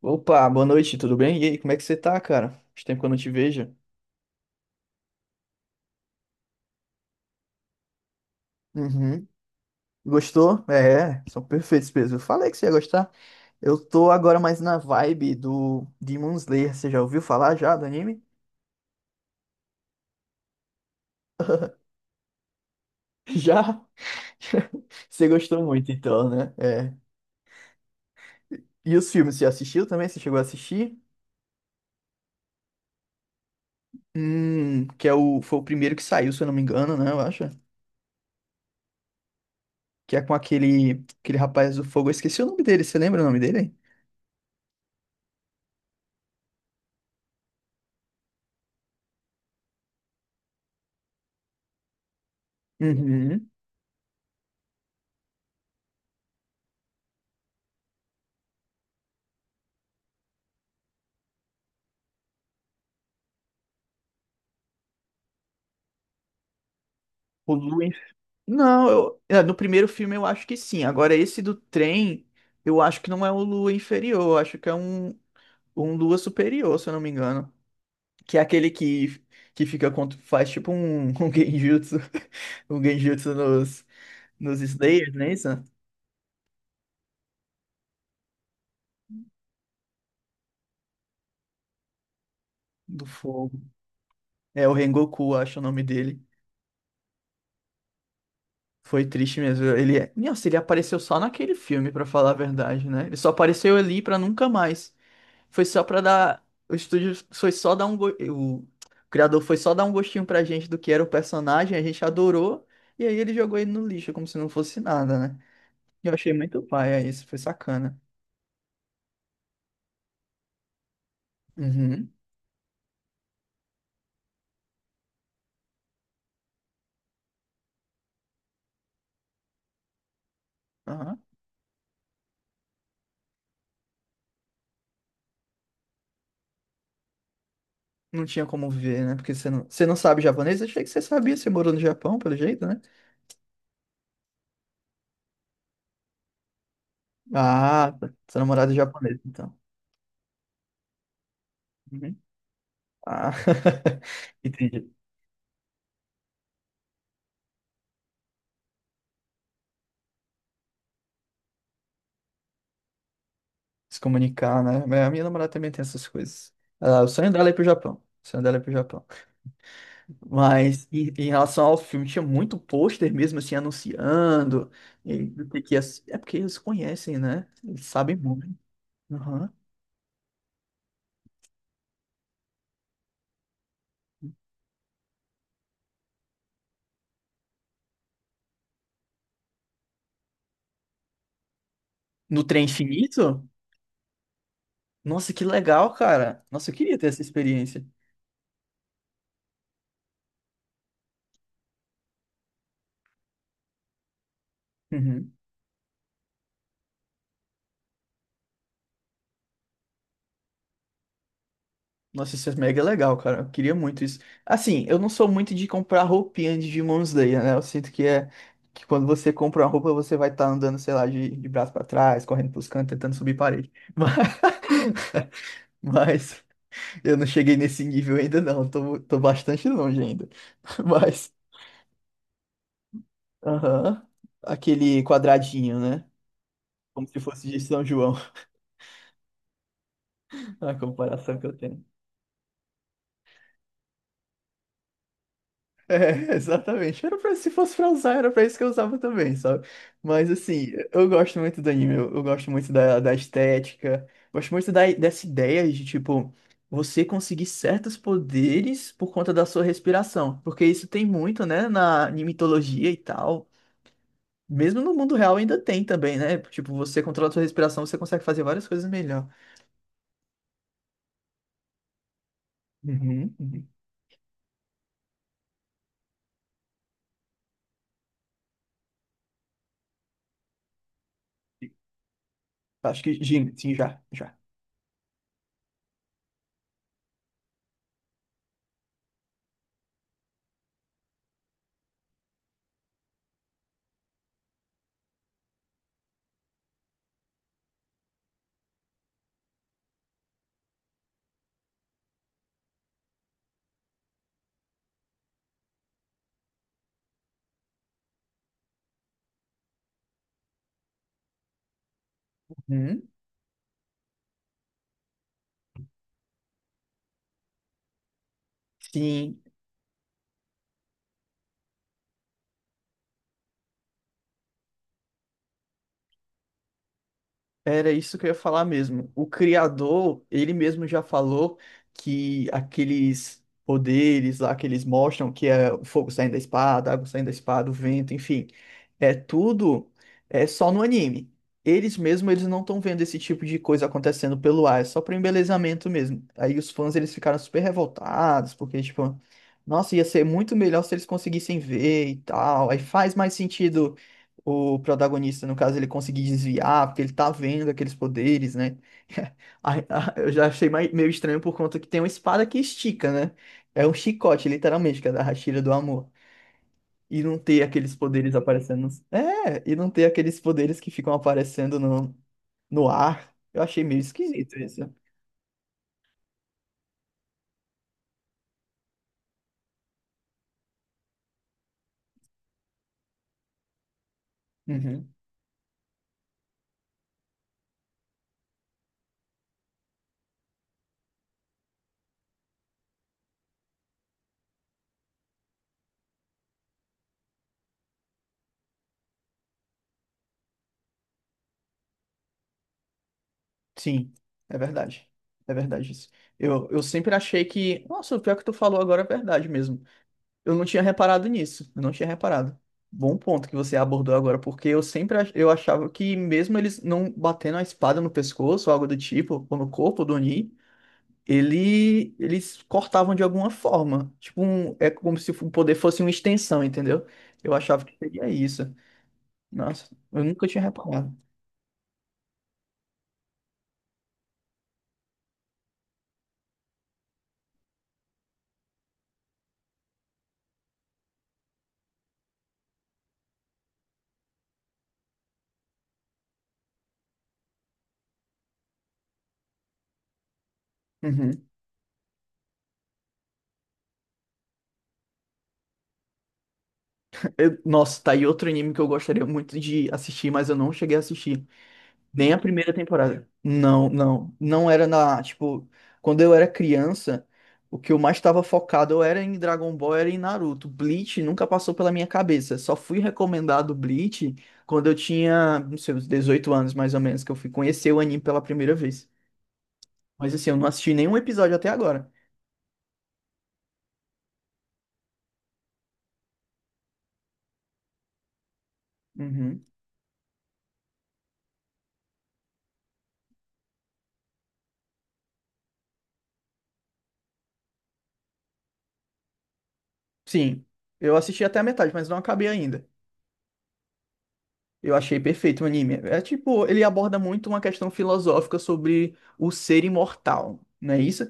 Opa, boa noite, tudo bem? E aí, como é que você tá, cara? Faz tempo que eu não te vejo. Uhum. Gostou? É, são perfeitos mesmo. Eu falei que você ia gostar. Eu tô agora mais na vibe do Demon Slayer. Você já ouviu falar já do anime? Já? Você gostou muito, então, né? É. E os filmes, você assistiu também? Você chegou a assistir? Foi o primeiro que saiu, se eu não me engano, né? Eu acho. Que é com aquele rapaz do fogo. Eu esqueci o nome dele. Você lembra o nome dele? Uhum. O Lu Não, no primeiro filme eu acho que sim. Agora, esse do trem, eu acho que não é um Lua inferior, eu acho que é um Lua superior, se eu não me engano. Que é aquele que fica contra, faz tipo um genjutsu, um genjutsu nos Slayers, né? Isso? Do fogo. É o Rengoku, acho o nome dele. Foi triste mesmo. Ele, é- nossa, ele apareceu só naquele filme, pra falar a verdade, né? Ele só apareceu ali pra nunca mais. Foi só pra dar. O criador foi só dar um gostinho pra gente do que era o personagem, a gente adorou, e aí ele jogou ele no lixo, como se não fosse nada, né? Eu achei muito paia isso, foi sacana. Uhum. Aham. Não tinha como ver, né? Porque você não sabe japonês? Eu achei que você sabia, você morou no Japão, pelo jeito, né? Ah, tá. Sua namorada é japonesa, então. Uhum. Ah, entendi. Se comunicar, né? Mas a minha namorada também tem essas coisas. Ah, o sonho dela é ir pro Japão. O sonho dela é ir pro Japão. Mas em relação ao filme, tinha muito pôster mesmo assim anunciando. E do que ia ser. É porque eles conhecem, né? Eles sabem muito. Aham. No Trem Infinito? Nossa, que legal, cara. Nossa, eu queria ter essa experiência. Uhum. Nossa, isso é mega legal, cara. Eu queria muito isso. Assim, eu não sou muito de comprar roupinha de Demon Slayer, né? Eu sinto que é que quando você compra uma roupa, você vai estar andando, sei lá, de braço pra trás, correndo pros cantos, tentando subir parede. Mas eu não cheguei nesse nível ainda, não. Tô bastante longe ainda. Mas, aham. Aquele quadradinho, né? Como se fosse de São João, a comparação que eu tenho. É, exatamente. Era pra, se fosse pra usar, era pra isso que eu usava também, sabe? Mas, assim, eu gosto muito do anime. Eu gosto muito da estética. Gosto muito da, dessa ideia de, tipo, você conseguir certos poderes por conta da sua respiração. Porque isso tem muito, né, na mitologia e tal. Mesmo no mundo real ainda tem também, né? Tipo, você controla a sua respiração, você consegue fazer várias coisas melhor. Uhum, uhum. Acho que sim, sim, já, já. Uhum. Sim, era isso que eu ia falar mesmo. O criador, ele mesmo já falou que aqueles poderes lá que eles mostram, que é o fogo saindo da espada, a água saindo da espada, o vento, enfim, é tudo é só no anime. Eles mesmo, eles não estão vendo esse tipo de coisa acontecendo pelo ar, é só para embelezamento mesmo. Aí os fãs, eles ficaram super revoltados, porque tipo, nossa, ia ser muito melhor se eles conseguissem ver e tal. Aí faz mais sentido o protagonista, no caso, ele conseguir desviar, porque ele tá vendo aqueles poderes, né? Ai, ah, eu já achei meio estranho por conta que tem uma espada que estica, né? É um chicote, literalmente, que é da Hashira do Amor. E não ter aqueles poderes aparecendo. E não ter aqueles poderes que ficam aparecendo no, ar. Eu achei meio esquisito isso. Uhum. Sim, é verdade. É verdade isso. Eu sempre achei que. Nossa, o pior que tu falou agora é verdade mesmo. Eu não tinha reparado nisso, eu não tinha reparado. Bom ponto que você abordou agora, porque eu sempre ach- eu achava que mesmo eles não batendo a espada no pescoço ou algo do tipo, ou no corpo do Oni, ele, eles cortavam de alguma forma. Tipo, um, é como se o poder fosse uma extensão, entendeu? Eu achava que seria isso. Nossa, eu nunca tinha reparado. Uhum. Nossa, tá aí outro anime que eu gostaria muito de assistir, mas eu não cheguei a assistir. Nem a primeira temporada. Não, não. Não era na. Tipo, quando eu era criança, o que eu mais estava focado eu era em Dragon Ball, era em Naruto. Bleach nunca passou pela minha cabeça. Só fui recomendado Bleach quando eu tinha, não sei, uns 18 anos mais ou menos, que eu fui conhecer o anime pela primeira vez. Mas assim, eu não assisti nenhum episódio até agora. Uhum. Sim, eu assisti até a metade, mas não acabei ainda. Eu achei perfeito o anime. É tipo, ele aborda muito uma questão filosófica sobre o ser imortal, não é isso?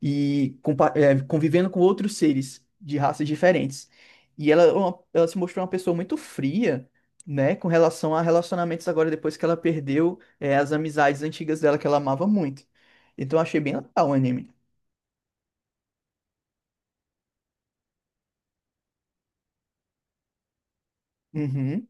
E convivendo com outros seres de raças diferentes. E ela se mostrou uma pessoa muito fria, né, com relação a relacionamentos agora depois que ela perdeu as amizades antigas dela que ela amava muito. Então eu achei bem legal o anime. Uhum.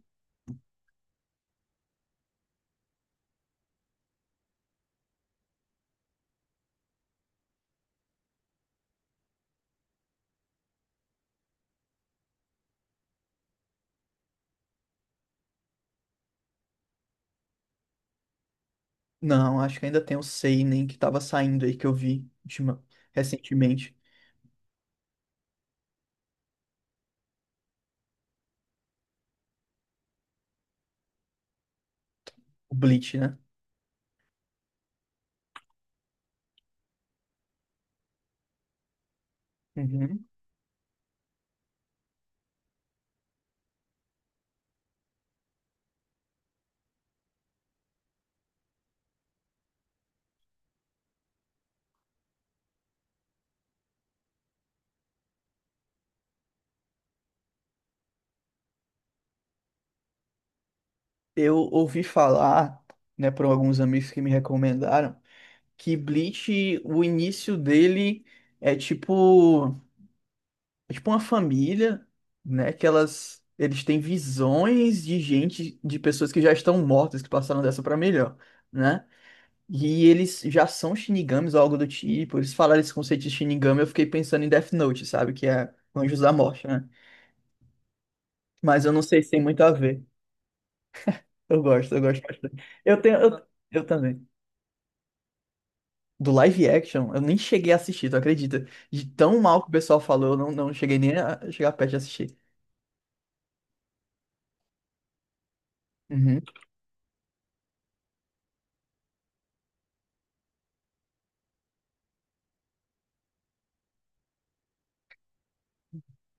Não, acho que ainda tem o Seinen que tava saindo aí que eu vi recentemente, o Bleach, né? Uhum. Eu ouvi falar, né, por alguns amigos que me recomendaram que Bleach, o início dele é tipo, é tipo uma família, né? Que elas, eles têm visões de gente, de pessoas que já estão mortas, que passaram dessa pra melhor, né? E eles já são Shinigamis ou algo do tipo. Eles falaram esse conceito de Shinigami, eu fiquei pensando em Death Note, sabe? Que é Anjos da Morte, né? Mas eu não sei se tem muito a ver. Eu gosto bastante. Eu também. Do live action, eu nem cheguei a assistir, tu acredita? De tão mal que o pessoal falou, eu não, não cheguei nem a chegar perto de assistir. Uhum.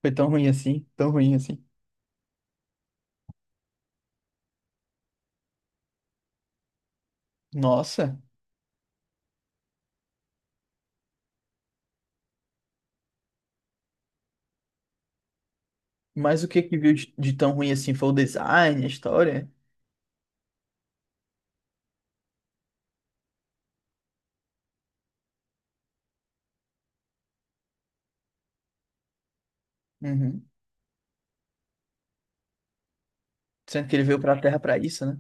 Foi tão ruim assim, tão ruim assim. Nossa, mas o que que viu de tão ruim assim? Foi o design, a história? Uhum. Sendo que ele veio pra Terra pra isso, né?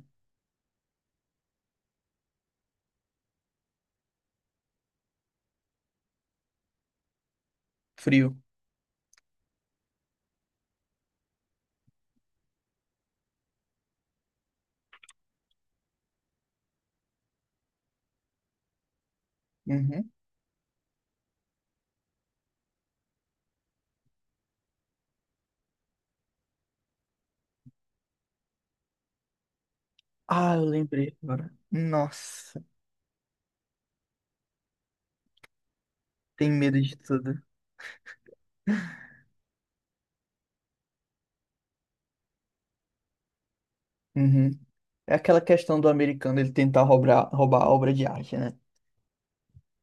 Frio. Uhum. Ah, eu lembrei agora. Nossa, tem medo de tudo. Uhum. É aquela questão do americano ele tentar roubar, roubar a obra de arte, né?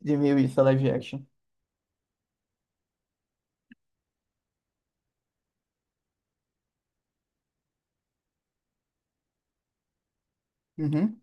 De meio isso, a live action. Uhum.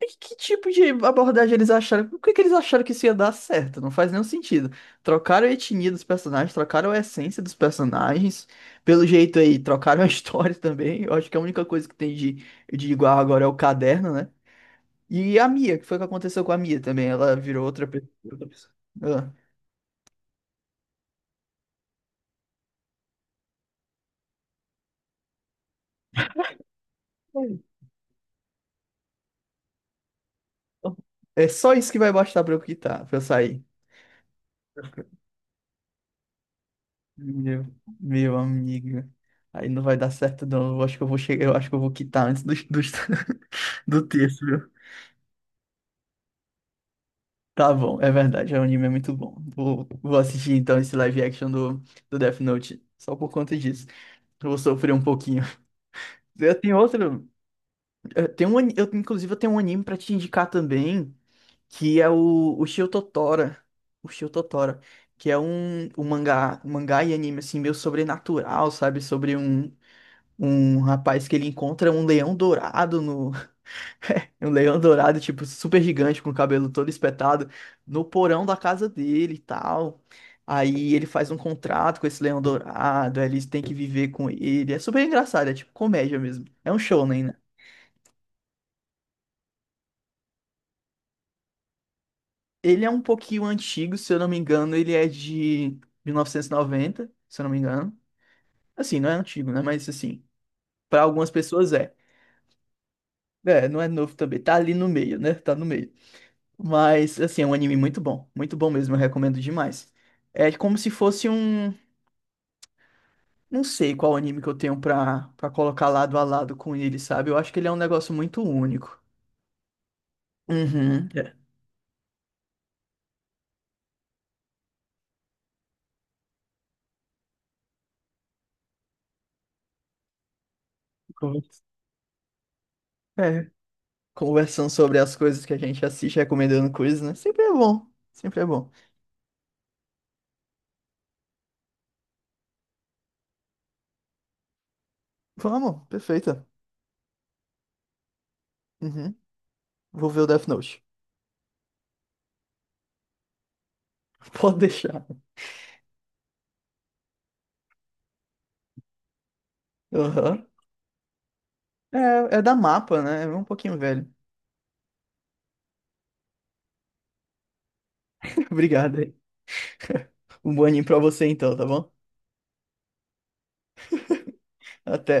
E que tipo de abordagem eles acharam? Por que que eles acharam que isso ia dar certo? Não faz nenhum sentido. Trocaram a etnia dos personagens, trocaram a essência dos personagens. Pelo jeito aí, trocaram a história também. Eu acho que a única coisa que tem de igual agora é o caderno, né? E a Mia, que foi o que aconteceu com a Mia também. Ela virou outra pessoa. Outra pessoa. Ah. É só isso que vai bastar pra eu quitar, pra eu sair. Meu, meu amigo. Aí não vai dar certo, não. Eu acho que eu vou chegar, eu acho que eu vou quitar antes do, do texto, viu? Tá bom, é verdade, o anime é muito bom. Vou assistir então esse live action do Death Note, só por conta disso. Eu vou sofrer um pouquinho. Eu tenho outro, eu tenho um, ani- eu, Inclusive eu tenho um anime pra te indicar também, que é o Shio Totora. O Shio Totora, que é um mangá, e anime assim, meio sobrenatural, sabe? Sobre um um rapaz que ele encontra um leão dourado no um leão dourado tipo super gigante com o cabelo todo espetado no porão da casa dele e tal. Aí ele faz um contrato com esse leão dourado, aí eles têm que viver com ele. É super engraçado, é tipo comédia mesmo. É um show, né? Ele é um pouquinho antigo, se eu não me engano, ele é de 1990, se eu não me engano. Assim, não é antigo, né? Mas assim, para algumas pessoas é. É, não é novo também, tá ali no meio, né? Tá no meio. Mas, assim, é um anime muito bom. Muito bom mesmo, eu recomendo demais. É como se fosse um. Não sei qual anime que eu tenho pra, pra colocar lado a lado com ele, sabe? Eu acho que ele é um negócio muito único. Uhum. É. Conver- é, Conversando sobre as coisas que a gente assiste, recomendando coisas, né? Sempre é bom. Sempre é bom. Vamos, perfeita. Uhum. Vou ver o Death Note. Pode deixar. Aham. É, é da Mapa, né? É um pouquinho velho. Obrigado aí. Um bom anime pra você então, tá bom? Até.